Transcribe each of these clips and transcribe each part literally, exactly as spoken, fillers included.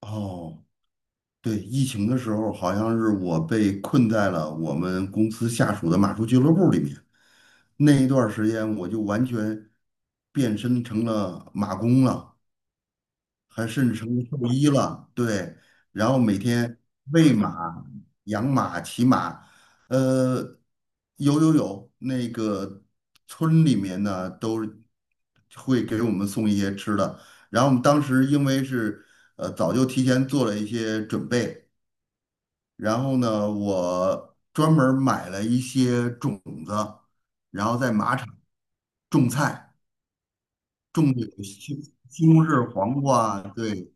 哦，对，疫情的时候好像是我被困在了我们公司下属的马术俱乐部里面，那一段儿时间我就完全变身成了马工了，还甚至成了兽医了。对，然后每天喂马、养马、骑马，呃，有有有，那个村里面呢都会给我们送一些吃的，然后我们当时因为是呃早就提前做了一些准备。然后呢，我专门儿买了一些种子，然后在马场种菜，种的有西西红柿、黄瓜啊，对，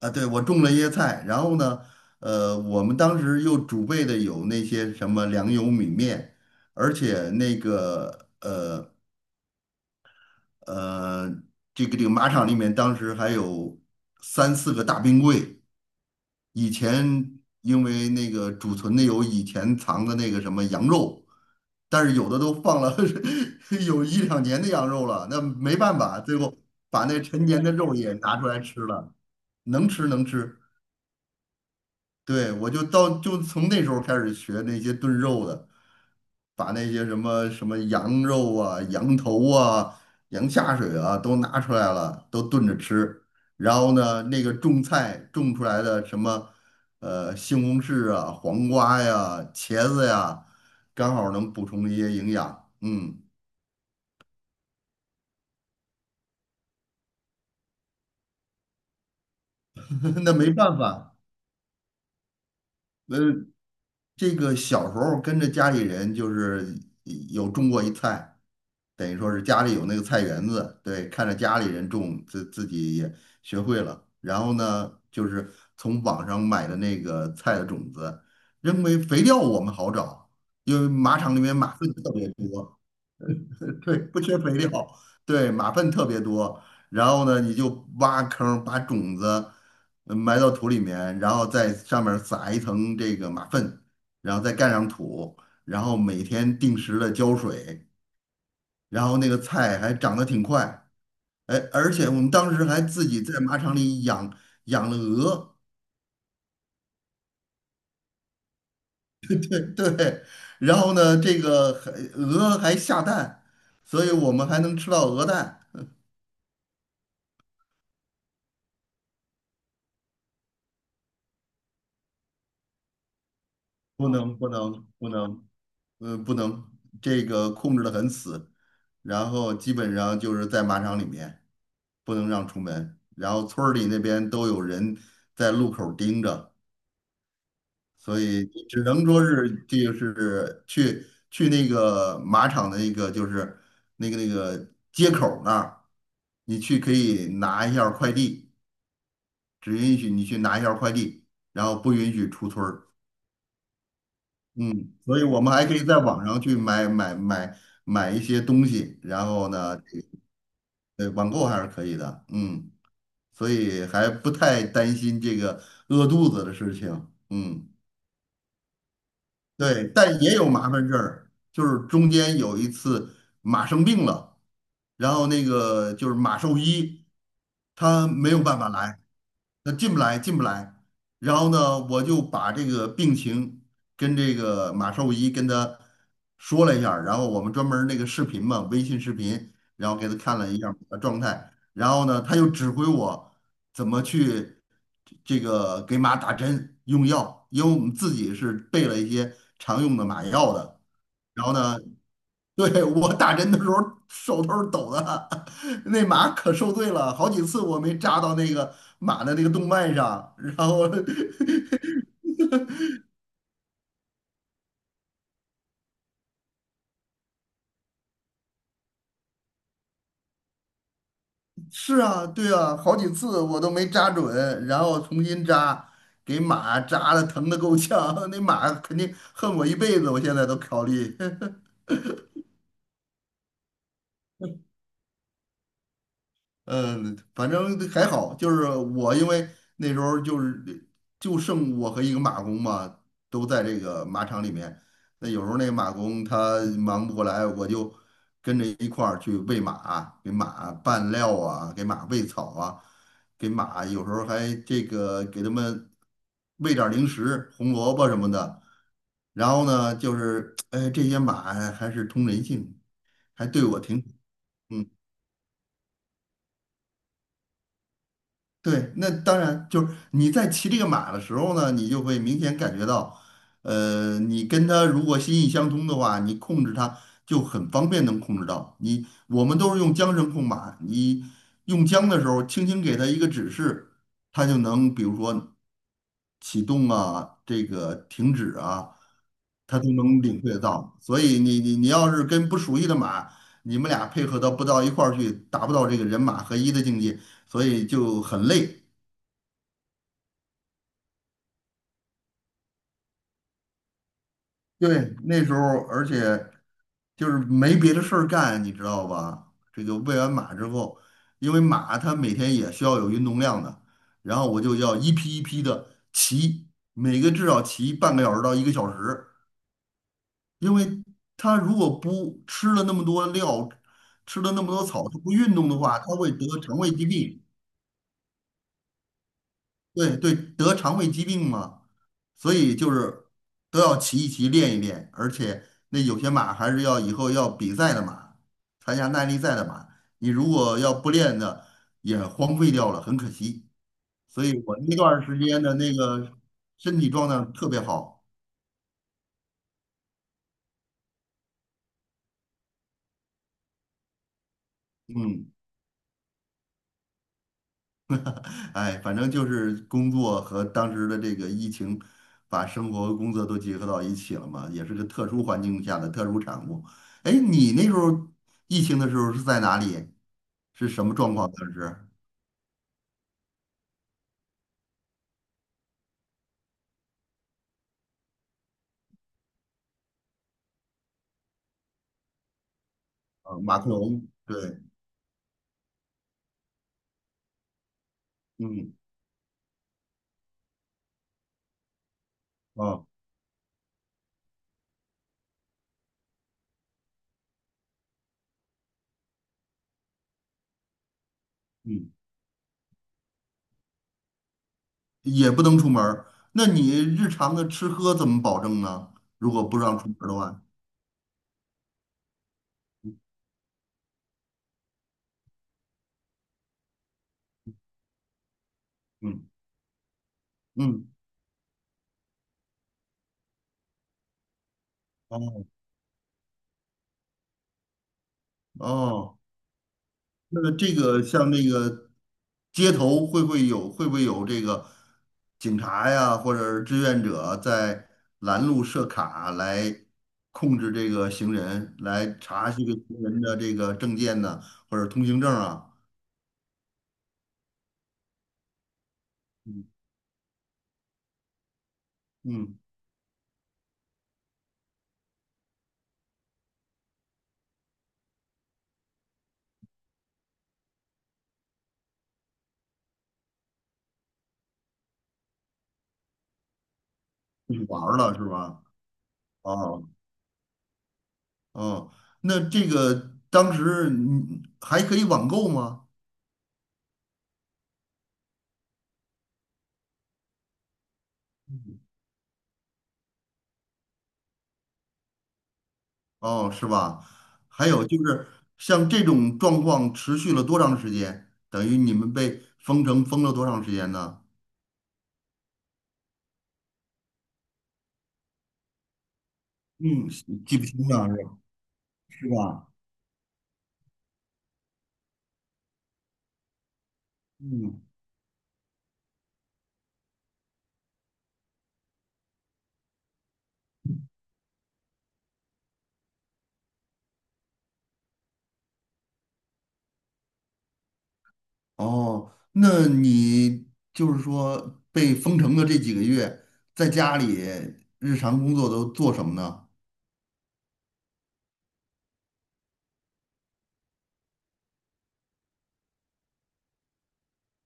啊，对，我种了一些菜。然后呢，呃，我们当时又储备的有那些什么粮油米面，而且那个呃，这个这个马场里面当时还有三四个大冰柜。以前因为那个储存的有以前藏的那个什么羊肉，但是有的都放了 有一两年的羊肉了，那没办法，最后把那陈年的肉也拿出来吃了，能吃能吃。对，我就到就从那时候开始学那些炖肉的，把那些什么什么羊肉啊、羊头啊、羊下水啊都拿出来了，都炖着吃。然后呢，那个种菜种出来的什么呃西红柿啊、黄瓜呀、茄子呀，刚好能补充一些营养。嗯，那没办法。那。这个小时候跟着家里人就是有种过一菜，等于说是家里有那个菜园子，对，看着家里人种，自自己也学会了。然后呢，就是从网上买的那个菜的种子，认为肥料我们好找，因为马场里面马粪特别多，对，不缺肥料，对，马粪特别多。然后呢，你就挖坑儿，把种子呃埋到土里面，然后在上面儿撒一层这个马粪，然后再盖上土，然后每天定时的浇水，然后那个菜还长得挺快。哎，而且我们当时还自己在马场里养养了鹅，对，然后呢，这个还鹅还下蛋，所以我们还能吃到鹅蛋。不能不能不能，嗯，不能，这个控制的很死，然后基本上就是在马场里面不能让出门，然后村儿里那边都有人在路口儿盯着，所以只能说是就是去去那个马场的那个就是那个那个街口儿那儿，你去可以拿一下儿快递，只允许你去拿一下儿快递，然后不允许出村儿。嗯，所以我们还可以在网上去买买买买一些东西，然后呢，这个对，网购还是可以的，嗯，所以还不太担心这个饿肚子的事情，嗯。对，但也有麻烦事儿，就是中间有一次马生病了，然后那个就是马兽医，他没有办法来，他进不来，进不来。然后呢，我就把这个病情跟这个马兽医跟他说了一下儿然后我们专门儿那个视频嘛，微信视频，然后给他看了一下儿我的状态，然后呢，他又指挥我。怎么去这个给马打针用药，因为我们自己是备了一些常用的马药的。然后呢，对，我打针的时候手都是抖的，那马可受罪了，好几次我没扎到那个马的那个动脉上，然后 是啊，对啊，好几次我都没扎准，然后重新扎，给马扎的疼的够呛，那马肯定恨我一辈子，我现在都考虑。嗯，反正还好，就是我因为那时候就是就剩我和一个马工嘛，都在这个马场里面。那有时候那个马工他忙不过来，我就跟着一块儿去喂马，给马拌料啊，给马喂草啊，给马有时候还这个给他们喂点儿零食，红萝卜什么的。然后呢，就是哎，这些马还是通人性，还对我挺好。对，那当然就是你在骑这个马的时候呢，你就会明显感觉到，呃，你跟它如果心意相通的话，你控制它就很方便能控制到。你我们都是用缰绳控马，你用缰的时候，轻轻给它一个指示，它就能比如说启动啊，这个停止啊，它都能领会得到。所以你你你要是跟不熟悉的马，你们俩配合到不到一块儿去，达不到这个人马合一的境界。所以就很累。对，那时候而且就是没别的事儿干，你知道吧？这个喂完马之后，因为马它每天也需要有运动量的，然后我就要一批一批的骑，每个至少骑半个小时到一个小时，因为它如果不吃了那么多料，吃了那么多草，它不运动的话，它会得肠胃疾病。对对，得肠胃疾病嘛，所以就是都要骑一骑，练一练，而且那有些马还是要以后要比赛的马，参加耐力赛的马，你如果要不练的，也荒废掉了，很可惜。所以我那段儿时间的那个身体状态特别好，嗯。哎，反正就是工作和当时的这个疫情，把生活和工作都结合到一起了嘛，也是个特殊环境下的特殊产物。哎，你那时候疫情的时候是在哪里？是什么状况？当时啊，马克龙，对，嗯，啊，嗯，也不能出门儿。那你日常的吃喝怎么保证呢？如果不让出门儿的话，嗯嗯，哦哦。那这个像那个街头会不会有会不会有这个警察呀，或者是志愿者在拦路设卡来控制这个行人，来查这个行人的这个证件呢，或者通行证啊？嗯嗯，出去玩儿了是吧？哦哦，那这个当时你还可以网购吗？哦，是吧？还有就是像这种状况持续了多长时间？等于你们被封城封了多长时间呢？嗯，记不清了，是吧？嗯，哦，那你就是说被封城的这几个月，在家里日常工作都做什么呢？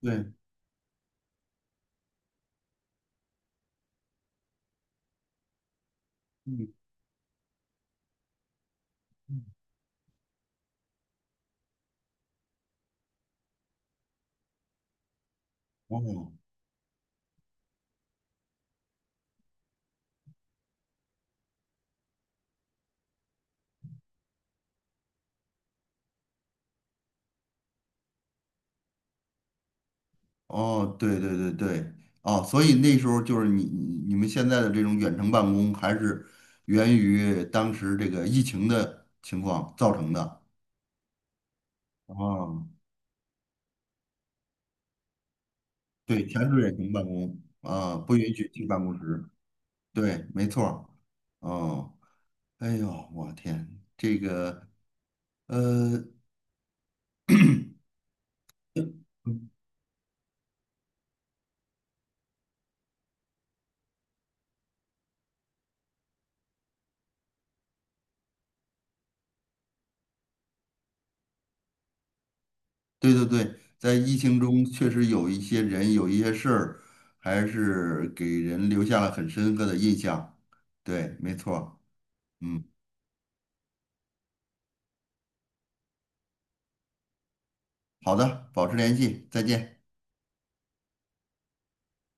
对，嗯，哦。哦，对对对对，哦，所以那时候就是你你你们现在的这种远程办公，还是源于当时这个疫情的情况造成的。哦，对，全是远程办公啊，不允许进办公室。对，没错儿。哦，哎呦，我天，这个呃，对对对，在疫情中确实有一些人有一些事儿，还是给人留下了很深刻的印象。对，没错儿。嗯。好的，保持联系，再见。